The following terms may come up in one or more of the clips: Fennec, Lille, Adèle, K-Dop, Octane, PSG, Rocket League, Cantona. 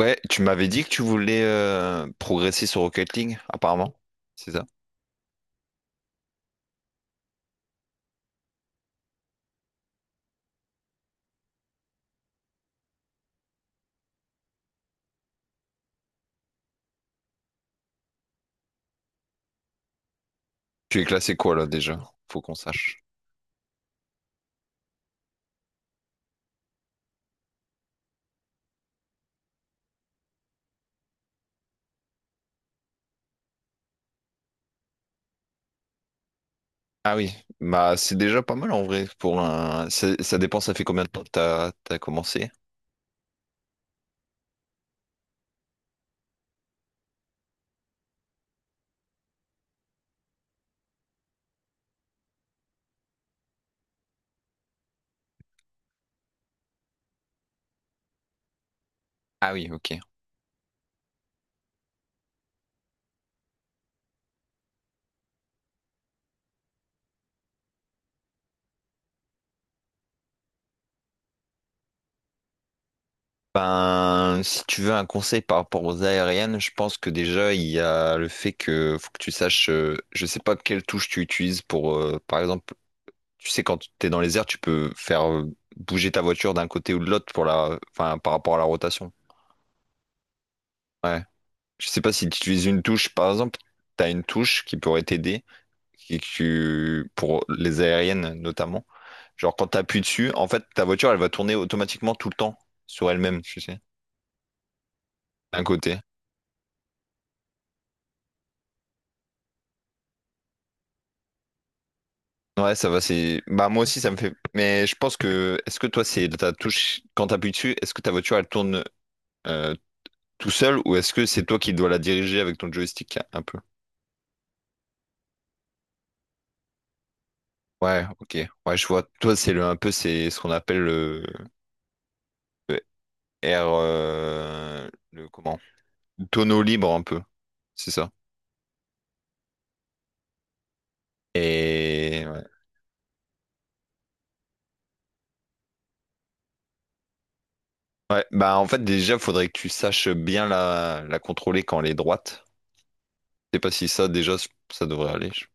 Ouais, tu m'avais dit que tu voulais progresser sur Rocket League, apparemment. C'est ça. Tu es classé quoi là déjà? Faut qu'on sache. Ah oui, bah c'est déjà pas mal en vrai pour un. Ça dépend. Ça fait combien de temps que t'as commencé? Ah oui, ok. Ben, si tu veux un conseil par rapport aux aériennes, je pense que déjà il y a le fait que faut que tu saches, je sais pas quelle touche tu utilises pour, par exemple, tu sais quand t'es dans les airs, tu peux faire bouger ta voiture d'un côté ou de l'autre pour la, enfin par rapport à la rotation. Ouais. Je sais pas si tu utilises une touche, par exemple, tu as une touche qui pourrait t'aider, pour les aériennes notamment. Genre quand tu appuies dessus, en fait, ta voiture, elle va tourner automatiquement tout le temps sur elle-même, tu sais, d'un côté. Ouais, ça va. C'est... Bah moi aussi, ça me fait. Mais je pense que. Est-ce que toi, c'est ta touche, quand tu appuies dessus, est-ce que ta voiture, elle tourne euh, tout seul ou est-ce que c'est toi qui dois la diriger avec ton joystick un peu? Ouais, ok. Ouais, je vois. Toi, c'est le un peu, c'est ce qu'on appelle le air, le comment? Tonneau libre un peu, c'est ça. Et ouais. Ouais, bah en fait déjà faudrait que tu saches bien la contrôler quand elle est droite. Je sais pas si ça déjà ça devrait aller.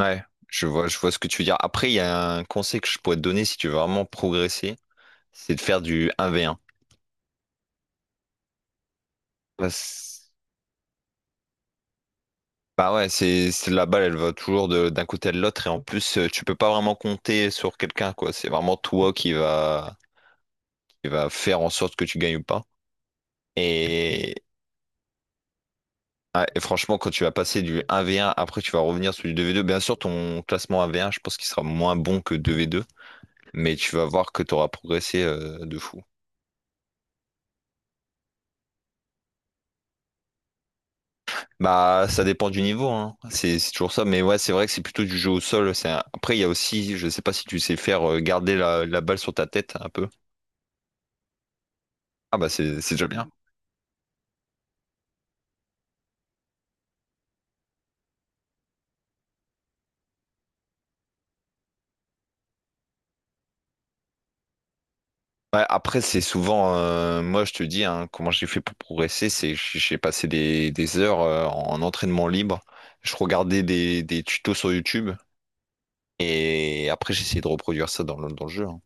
Ouais, je vois ce que tu veux dire. Après, il y a un conseil que je pourrais te donner si tu veux vraiment progresser, c'est de faire du un v 1. Parce- Bah ouais, la balle, elle va toujours d'un côté à l'autre et en plus tu peux pas vraiment compter sur quelqu'un, quoi. C'est vraiment toi qui va faire en sorte que tu gagnes ou pas. Et, ouais, et franchement, quand tu vas passer du 1v1, après tu vas revenir sur du 2v2. Bien sûr, ton classement 1v1, je pense qu'il sera moins bon que 2v2, mais tu vas voir que tu auras progressé de fou. Bah, ça dépend du niveau, hein. C'est toujours ça. Mais ouais, c'est vrai que c'est plutôt du jeu au sol. Après, il y a aussi, je sais pas si tu sais faire garder la balle sur ta tête un peu. Ah bah c'est déjà bien. Ouais, après, c'est souvent, moi je te dis, hein, comment j'ai fait pour progresser, c'est que j'ai passé des heures en entraînement libre. Je regardais des tutos sur YouTube et après j'essayais de reproduire ça dans le jeu, hein.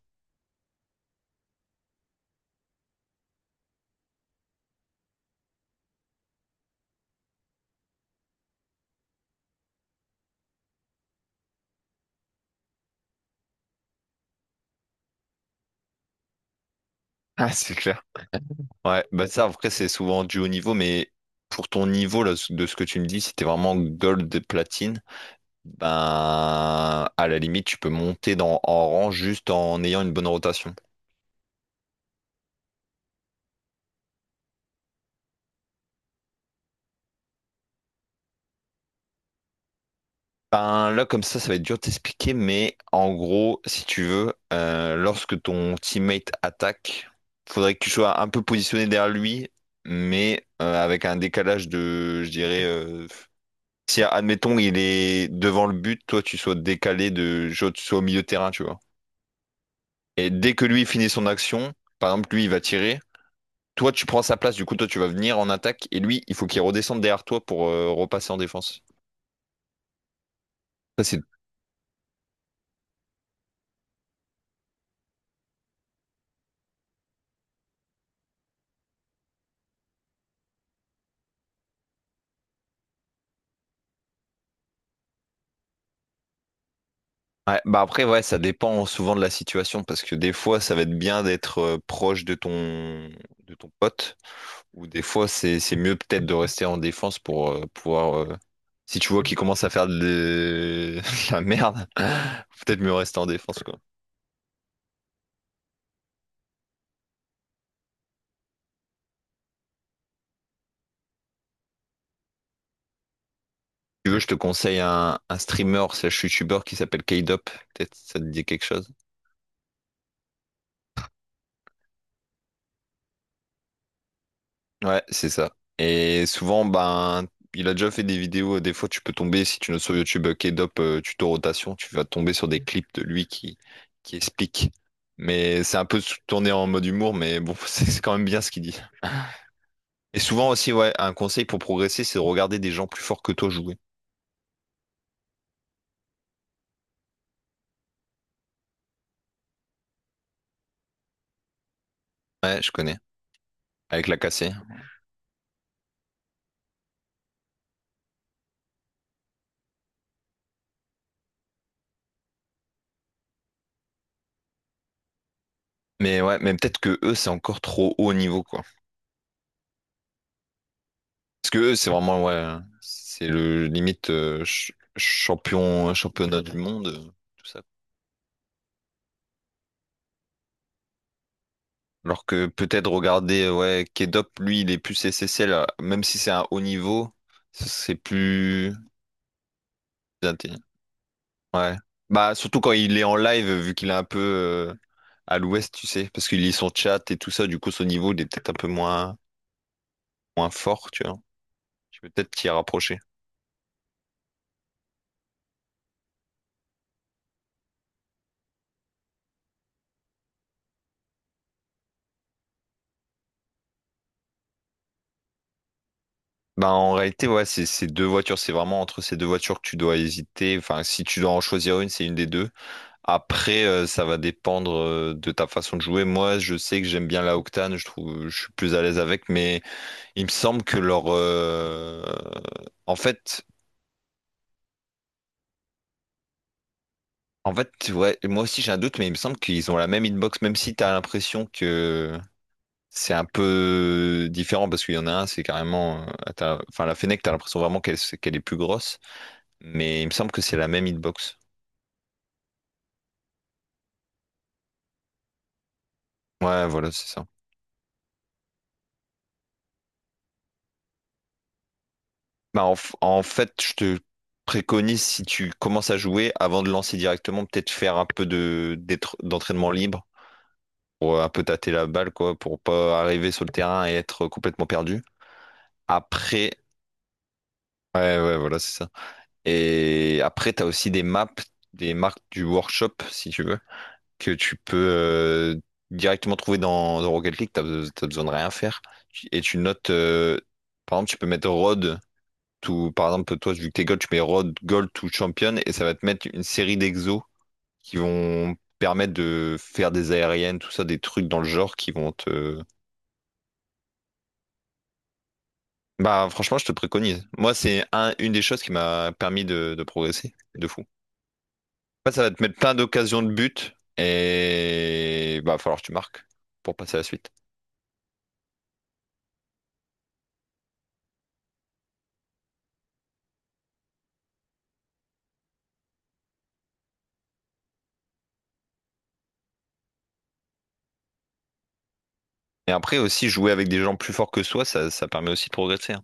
Ah, c'est clair. Ouais, bah ça après c'est souvent du haut niveau, mais pour ton niveau là, de ce que tu me dis, si t'es vraiment gold et platine, ben à la limite tu peux monter dans, en rang juste en ayant une bonne rotation. Ben, là, comme ça va être dur de t'expliquer, mais en gros, si tu veux, lorsque ton teammate attaque, faudrait que tu sois un peu positionné derrière lui, mais avec un décalage de, je dirais, si admettons il est devant le but, toi tu sois décalé de, genre, tu sois au milieu de terrain, tu vois. Et dès que lui finit son action, par exemple, lui il va tirer, toi tu prends sa place, du coup toi tu vas venir en attaque, et lui il faut qu'il redescende derrière toi pour repasser en défense. Ça, c'est. Ouais, bah après, ouais, ça dépend souvent de la situation, parce que des fois, ça va être bien d'être proche de ton pote ou des fois, c'est mieux peut-être de rester en défense pour pouvoir. Si tu vois qu'il commence à faire de de la merde, faut peut-être mieux rester en défense, quoi. Si tu veux, je te conseille un streamer slash youtubeur qui s'appelle K-Dop. Peut-être ça te dit quelque chose. Ouais, c'est ça. Et souvent, ben, il a déjà fait des vidéos. Des fois, tu peux tomber, si tu notes sur YouTube K-Dop tuto rotation, tu vas tomber sur des clips de lui qui explique. Mais c'est un peu tourné en mode humour, mais bon, c'est quand même bien ce qu'il dit. Et souvent aussi, ouais, un conseil pour progresser, c'est de regarder des gens plus forts que toi jouer. Ouais, je connais. Avec la cassée. Mais ouais, mais peut-être que eux, c'est encore trop haut niveau, quoi. Parce que eux, c'est vraiment, ouais, c'est le limite champion, championnat du monde, tout ça. Alors que peut-être regarder, ouais, Kedop, lui, il est plus SSL, même si c'est un haut niveau, c'est plus inté- Ouais. Bah, surtout quand il est en live, vu qu'il est un peu à l'ouest, tu sais, parce qu'il lit son chat et tout ça, du coup, son niveau, il est peut-être un peu moins fort, tu vois. Tu peux peut-être t'y rapprocher. Bah, en réalité, ouais, c'est ces deux voitures, c'est vraiment entre ces deux voitures que tu dois hésiter. Enfin, si tu dois en choisir une, c'est une des deux. Après, ça va dépendre de ta façon de jouer. Moi, je sais que j'aime bien la Octane, je trouve, je suis plus à l'aise avec, mais il me semble que leur, en fait, ouais, moi aussi j'ai un doute, mais il me semble qu'ils ont la même hitbox, même si t'as l'impression que c'est un peu différent parce qu'il y en a un, c'est carrément, enfin la Fennec, t'as l'impression vraiment qu'elle est plus grosse, mais il me semble que c'est la même hitbox. Ouais, voilà, c'est ça. Bah, en fait, je te préconise, si tu commences à jouer, avant de lancer directement, peut-être faire un peu d'entraînement libre pour un peu tâter la balle, quoi, pour pas arriver sur le terrain et être complètement perdu. Après, ouais, ouais, voilà, c'est ça. Et après, t'as aussi des maps, des marques du workshop, si tu veux, que tu peux directement trouver dans Rocket League. T'as besoin de rien faire. Et tu notes, par exemple, tu peux mettre Rod tout, par exemple, toi, vu que t'es gold, tu mets road, gold ou champion et ça va te mettre une série d'exos qui vont permettre de faire des aériennes, tout ça, des trucs dans le genre qui vont te. Bah, franchement, je te préconise. Moi, c'est une des choses qui m'a permis de progresser de fou. Après, ça va te mettre plein d'occasions de but et bah, va falloir que tu marques pour passer à la suite. Et après aussi, jouer avec des gens plus forts que soi, ça permet aussi de progresser, hein.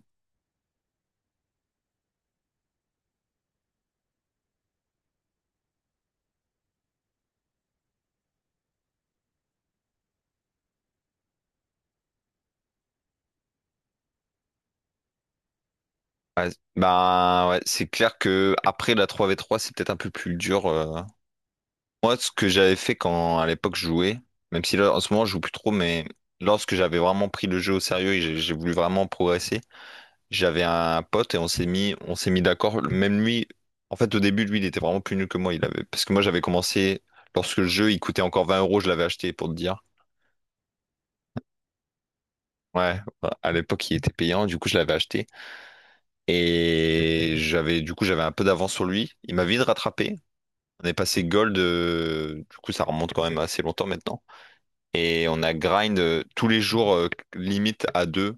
Ouais, bah ouais, c'est clair que après la 3v3 c'est peut-être un peu plus dur. Moi, ce que j'avais fait quand à l'époque je jouais, même si là en ce moment je joue plus trop, mais lorsque j'avais vraiment pris le jeu au sérieux et j'ai voulu vraiment progresser, j'avais un pote et on s'est mis d'accord. Même lui, en fait au début lui il était vraiment plus nul que moi. Il avait, parce que moi j'avais commencé lorsque le jeu il coûtait encore 20 euros, je l'avais acheté pour te dire. Ouais, à l'époque il était payant, du coup je l'avais acheté et j'avais, du coup j'avais un peu d'avance sur lui. Il m'a vite rattrapé. On est passé gold, du coup ça remonte quand même assez longtemps maintenant. Et on a grind tous les jours, limite à deux.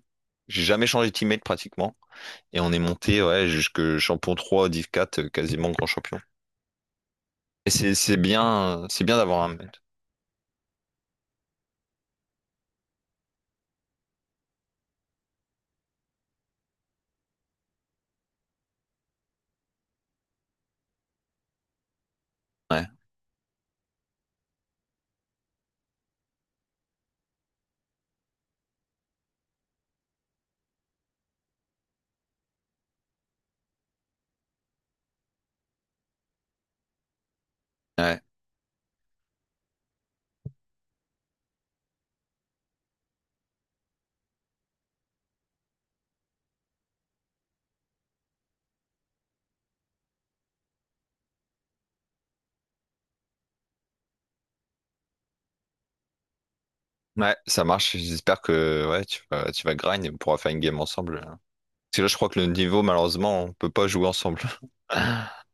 J'ai jamais changé de teammate pratiquement. Et on est monté, ouais, jusque champion 3, div quatre, quasiment grand champion. Et c'est bien, c'est bien d'avoir un mate. Ouais, ouais, ouais, ça marche. J'espère que, ouais, tu vas grind et on pourra faire une game ensemble, hein. Parce que là, je crois que le niveau, malheureusement, on peut pas jouer ensemble.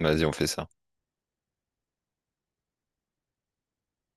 Vas-y, on fait ça.